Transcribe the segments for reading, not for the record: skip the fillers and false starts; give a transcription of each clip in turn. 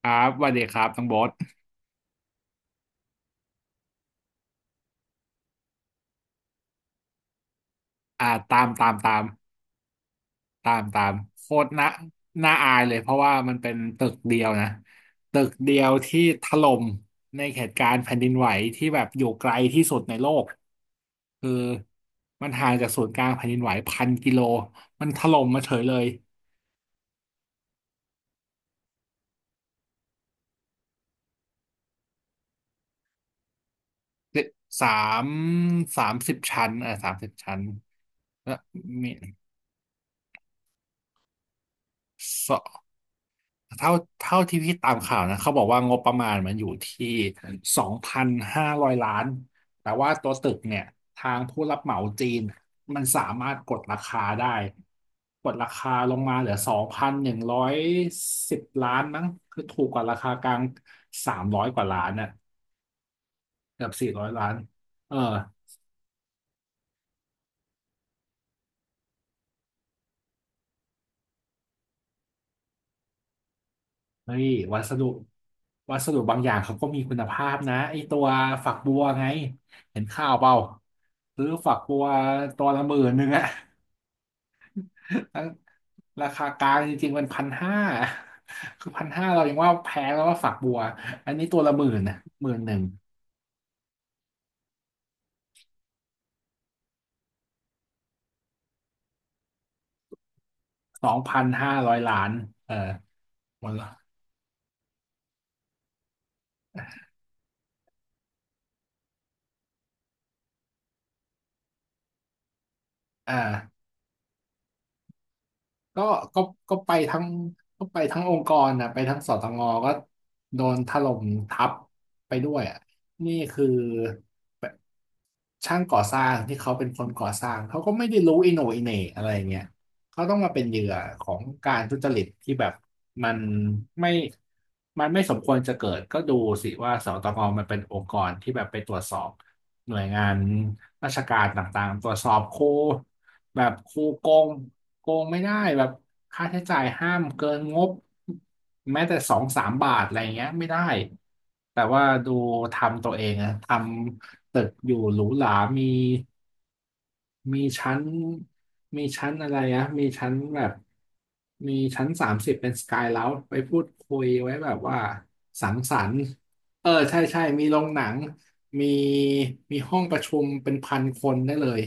ครับสวัสดีครับทั้องโบทอ่าตามโคตรน่าอายเลยเพราะว่ามันเป็นตึกเดียวนะ ตึกเดียวที่ถล่มในเหตุการณ์แผ่นดินไหวที่แบบอยู่ไกลที่สุดในโลกคือมันห่างจากศูนย์กลางแผ่นดินไหว พันกิโล มันถล่มมาเฉยเลยเจ็ดสามสามสิบชั้นแล้วมี เท่าเท่าที่พี่ตามข่าวนะเขาบอกว่างบประมาณมันอยู่ที่สองพันห้าร้อยล้านแต่ว่าตัวตึกเนี่ยทางผู้รับเหมาจีนมันสามารถกดราคาได้กดราคาลงมาเหลือสองพันหนึ่งร้อยสิบล้านมั้งคือถูกกว่าราคากลางสามร้อยกว่าล้านน่ะเกือบสี่ร้อยล้านเออ เฮ้ยวัสดุวัสดุบางอย่างเขาก็มีคุณภาพนะไอตัวฝักบัวไงเห็นข่าวเปล่าซื้อฝักบัวตัวละหมื่นหนึ่งอะ ทั้งราคากลางจริงๆมันพันห้าคือพันห้าเรายังว่าแพงแล้วว่าฝักบัวอันนี้ตัวละหมื่นนะหมื่นหนึ่งสองพันห้าร้อยล้านเออหมดละอ่า ก็ก็ก็ไปทั้งองค์กรนะไปทั้งสตงก็โดนถล่มทับไปด้วยอ่ะนี่คือช่างก่อสร้างที่เขาเป็นคนก่อสร้างเขาก็ไม่ได้รู้อิโหนอิเหน่อะไรเงี้ยเขาต้องมาเป็นเหยื่อของการทุจริตที่แบบมันไม่มันไม่สมควรจะเกิดก็ดูสิว่าสตงมันเป็นองค์กรที่แบบไปตรวจสอบหน่วยงานราชการต่างๆตรวจสอบครู แบบครูโกงโกงไม่ได้แบบค่าใช้จ่ายห้ามเกินงบแม้แต่สองสามบาทอะไรเงี้ยไม่ได้แต่ว่าดูทำตัวเองนะทำตึกอยู่หรูหรามี มีชั้นมีชั้นอะไรอะมีชั้นแบบมีชั้นสามสิบเป็นสกายเลาจไปพูดคุยไว้แบบว่าสังสรรค์เออใช่ใช่มีโรงหนังมีมีห้องประชุมเป็นพันคนได้เลย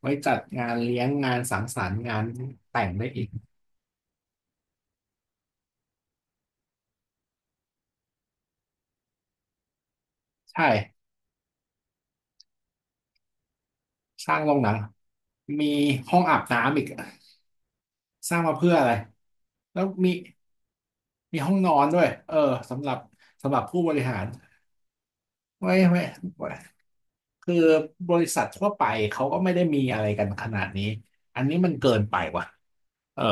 ไว้จัดงานเลี้ยงงานสังสรรค์งานแต่งได้อีกใช่สร้างโรงหนังมีห้องอาบน้ำอีกสร้างมาเพื่ออะไรแล้วมีห้องนอนด้วยเออสำหรับสำหรับผู้บริหารไว้ คือบริษัททั่วไปเขาก็ไม่ได้มีอะไรกันขนาดนี้อันนี้มันเกินไปว่ะเออ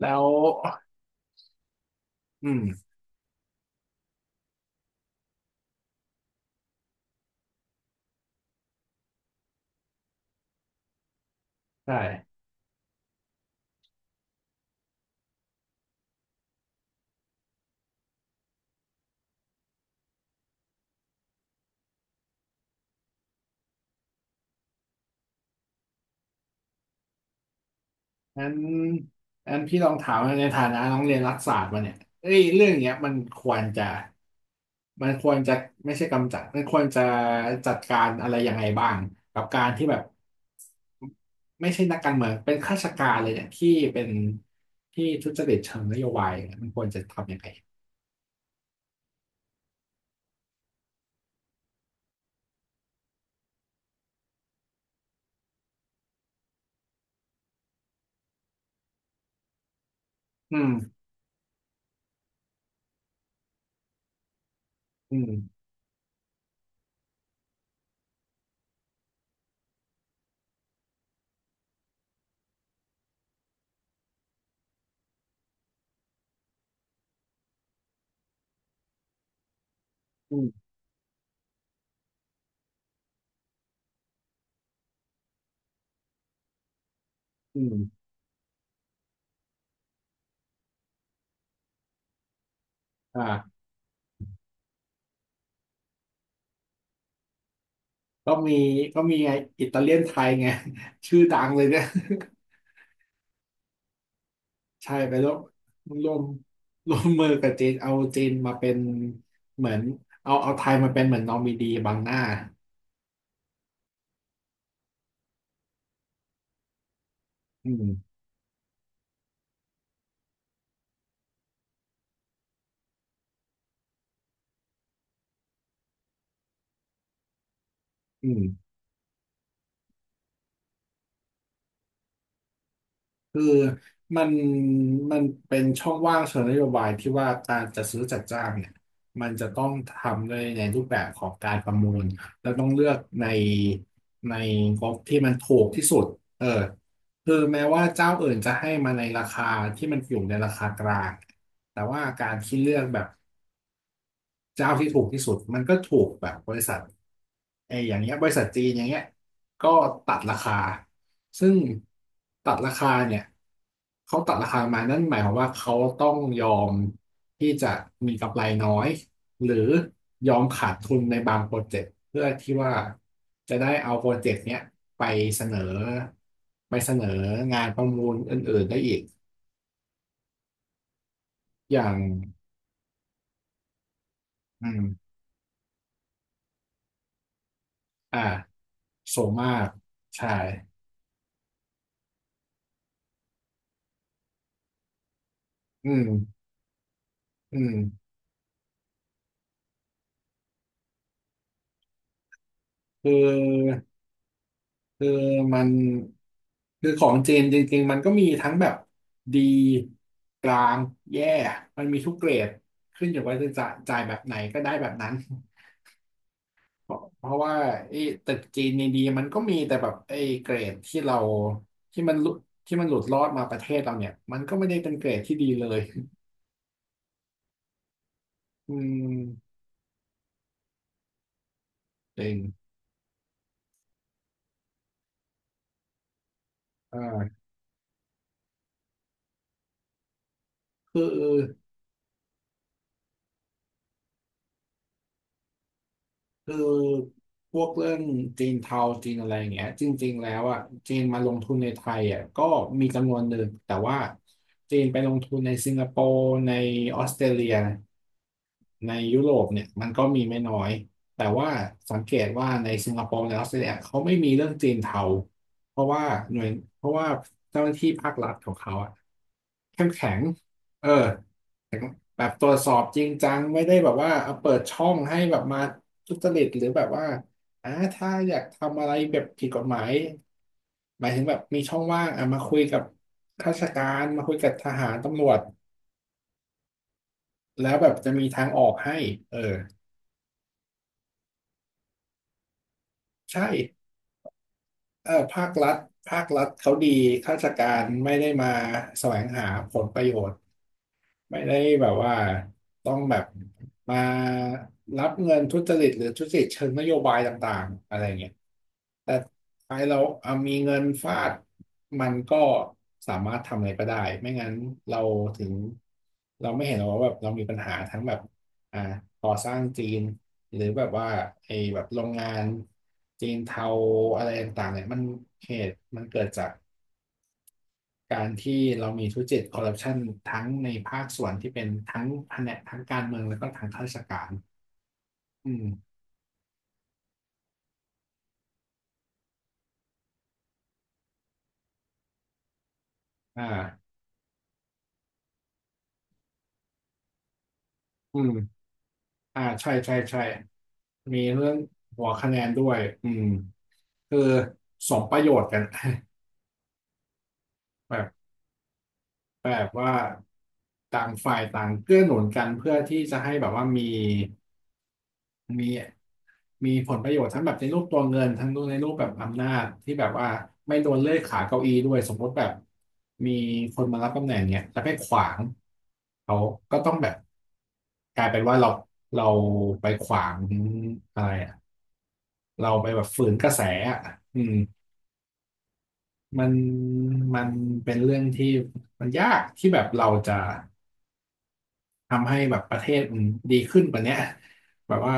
แล้วอืมใช่งั้นงั้นพี่ลองถามในฐานะน้องเรียนรัฐศาสตร์มาเนี่ยเอ้ยเรื่องเนี้ยมันควรจะมันควรจะไม่ใช่กำจัดมันควรจะจัดการอะไรยังไงบ้างกับการที่แบบไม่ใช่นักการเมืองเป็นข้าราชการเลยเนี่ยที่เป็นที่ทุจริตเชิงนโยบายเนี่ยมันควรจะทำยังไงอืมอืมอืมอืม อ่าก็มีก็มีไงอิตาเลียนไทยไง ชื่อดังเลยเนี่ย ใช่ไปร่วมร่วมมือกับจีนเอาจีนมาเป็นเหมือนเอาไทยมาเป็นเหมือนนอมินีบังหน้าอืมอืม คือมันมันเป็นช่องว่างเชิงนโยบายที่ว่าการจัดซื้อจัดจ้างเนี่ยมันจะต้องทำด้วยในรูปแบบของการประมูลแล้วต้องเลือกในงบที่มันถูกที่สุดเออคือแม้ว่าเจ้าอื่นจะให้มาในราคาที่มันอยู่ในราคากลางแต่ว่าการที่เลือกแบบ เจ้าที่ถูกที่สุดมันก็ถูกแบบบริษัทไอ้อย่างเงี้ยบริษัทจีนอย่างเงี้ยก็ตัดราคาซึ่งตัดราคาเนี่ยเขาตัดราคามานั่นหมายความว่าเขาต้องยอมที่จะมีกำไรน้อยหรือยอมขาดทุนในบางโปรเจกต์เพื่อที่ว่าจะได้เอาโปรเจกต์เนี้ยไปเสนอไปเสนองานประมูลอื่นๆได้อีกอย่างอืมอ่าโสมากใช่อืม อืมคือคือมันคือของจีนจริงๆมันก็มีทั้งแบบดีกลางแย่มันมีทุกเกรดขึ้นอยู่ว่าจะจ่ายแบบไหนก็ได้แบบนั้นเพราะว่าไอ้ตึกจีนดีๆมันก็มีแต่แบบไอ้เกรดที่เราที่มันหลุดที่มันหลุดรอดมาประเทศเราเนี่ยมันก็ไม่ได้เป็นเกรดที่ดีเลยอืมจริงอ่าคือ คือพวกเรื่องจีนเทาจีนอะไรอย่างเงี้ยจริงๆแล้วอ่ะจีนมาลงทุนในไทยอ่ะก็มีจำนวนหนึ่งแต่ว่าจีนไปลงทุนในสิงคโปร์ในออสเตรเลียในยุโรปเนี่ยมันก็มีไม่น้อยแต่ว่าสังเกตว่าในสิงคโปร์ในออสเตรเลียเขาไม่มีเรื่องจีนเทาเพราะว่าหน่วยเพราะว่าเจ้าหน้าที่ภาครัฐของเขาอะเข้มแข็งเออ แบบตรวจสอบจริงจังไม่ได้แบบว่าเอาเปิดช่องให้แบบมาทุจริตหรือแบบว่าถ้าอยากทำอะไรแบบผิดกฎหมายหมายถึงแบบมีช่องว่างอ่ะมาคุยกับข้าราชการมาคุยกับทหารตำรวจแล้วแบบจะมีทางออกให้เออใช่เออภาครัฐเขาดีข้าราชการไม่ได้มาแสวงหาผลประโยชน์ ไม่ได้แบบว่าต้องแบบมารับเงินทุจริตหรือทุจริตเชิงนโยบายต่างๆอะไรเงี้ยแต่ท้ายเราเอามีเงินฟาดมันก็สามารถทำอะไรก็ได้ไม่งั้นเราถึงเราไม่เห็นหรอกว่าแบบเรามีปัญหาทั้งแบบอ่าก่อสร้างจีนหรือแบบว่าไอ้แบบโรงงานจีนเทาอะไรต่างๆเนี่ยมันเหตุมันเกิดจาก การที่เรามีทุจริตคอร์รัปชันทั้งในภาคส่วนที่เป็นทั้งแผนกทั้งการเมืองแล้วก็ทางข้าราชการอืมอ่าอืมใช่ใช่ใช่มีเรื่องหัวคะแนนด้วยอืมคือสมประโยชน์กัน แบบแบบว่าต่างฝ่ายต่างเกื้อหนุนกันเพื่อที่จะให้แบบว่ามี มีมีผลประโยชน์ทั้งแบบในรูปตัวเงินทั้งในรูปแบบอำนาจที่แบบว่าไม่โดนเลื่อยขาเก้าอี้ด้วยสมมติแบบมีคนมารับตำแหน่งเนี่ยแล้วไปขวางเขาก็ต้องแบบกลายเป็นว่าเราไปขวางอะไรอะเราไปแบบฝืนกระแสอะอืมมันมันเป็นเรื่องที่มันยากที่แบบเราจะ ทำให้แบบประเทศมันดีขึ้นกว่าเนี้ยแบบว่า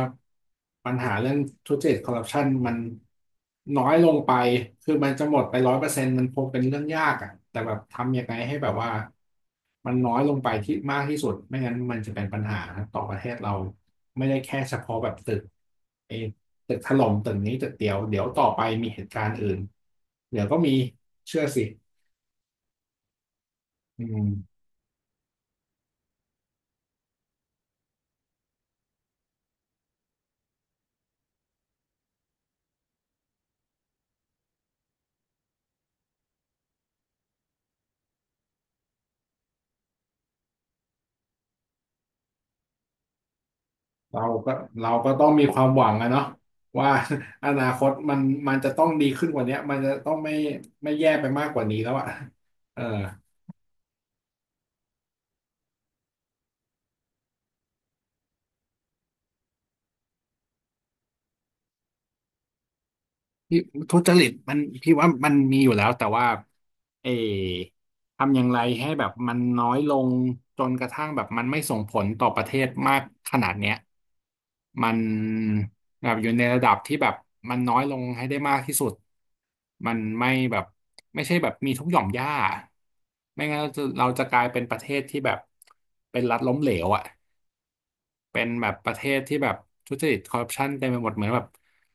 ปัญหาเรื่องทุจริตคอร์รัปชันมันน้อยลงไปคือมันจะหมดไป100%มันคงเป็นเรื่องยากอ่ะแต่แบบทำยังไงให้แบบว่ามันน้อยลงไปที่มากที่สุดไม่งั้นมันจะเป็นปัญหาต่อประเทศเราไม่ได้แค่เฉพาะแบบตึกไอ้ตึกถล่มตึกนี้ตึกเดียวเดี๋ยวต่อไปมีเหตุการณ์อื่นเดี๋ยวก็มีเชื่อสิอืม เราก็เราก็ต้องมีความหวังอะเนาะว่า อนาคตมันจะต้องดีขึ้นกว่าเนี้ยมันจะต้องไม่แย่ไปมากกว่านี้แล้วอะเออ พี่ทุจริตมันพี่ว่ามันมีอยู่แล้วแต่ว่าเออทำอย่างไรให้แบบมันน้อยลงจนกระทั่งแบบมันไม่ส่งผลต่อประเทศมากขนาดเนี้ยมันแบบอยู่ในระดับที่แบบมันน้อยลงให้ได้มากที่สุดมันไม่แบบไม่ใช่แบบมีทุกหย่อมหญ้าไม่งั้นเราจะกลายเป็นประเทศที่แบบเป็นรัฐล้มเหลวอ่ะเป็นแบบประเทศที่แบบทุจริตคอร์รัปชันเต็มไปหมดเหมือนแบบ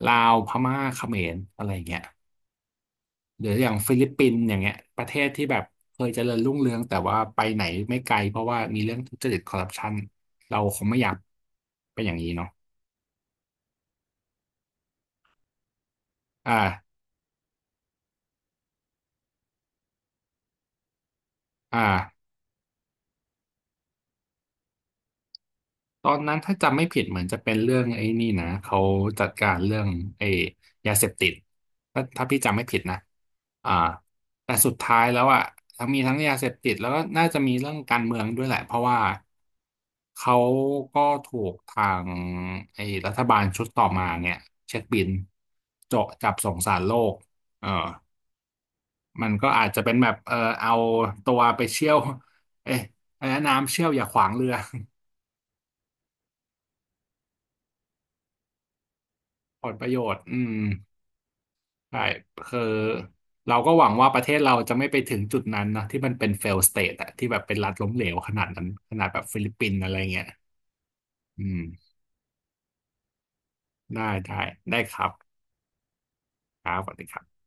ลาวพม่าเขมรอะไรอย่างเงี้ย หรืออย่างฟิลิปปินส์อย่างเงี้ยประเทศที่แบบเคยเจริญรุ่งเรืองแต่ว่าไปไหนไม่ไกลเพราะว่ามีเรื่องทุจริตคอร์รัปชันเราคงไม่อยากเป็นอย่างนี้เนาะอ่าอ่า ตอนนั้นถ้าจำไม่ผิดเหมือนจะเป็นเรื่องไอ้นี่นะเขาจัดการเรื่องไอ้ยาเสพติดถ้าพี่จำไม่ผิดนะอ่าแต่สุดท้ายแล้วอ่ะทั้งมีทั้งยาเสพติดแล้วก็น่าจะมีเรื่องการเมืองด้วยแหละเพราะว่าเขาก็ถูกทางไอ้รัฐบาลชุดต่อมาเนี่ยเช็คบินเจาะจับส่งสารโลกเออมันก็อาจจะเป็นแบบเออเอาตัวไปเชี่ยวเอ๊ะอะไรนะน้ำเชี่ยวอย่าขวางเรือ ผลประโยชน์อืม ใช่คือเราก็หวังว่าประเทศเราจะไม่ไปถึงจุดนั้นนะที่มันเป็น fail state อะที่แบบเป็นรัฐล้มเหลวขนาดนั้นขนาดแบบฟิลิปปินส์อะไรเงี้ยอืมได้ได้ได้ครับครับสวัสดีครับ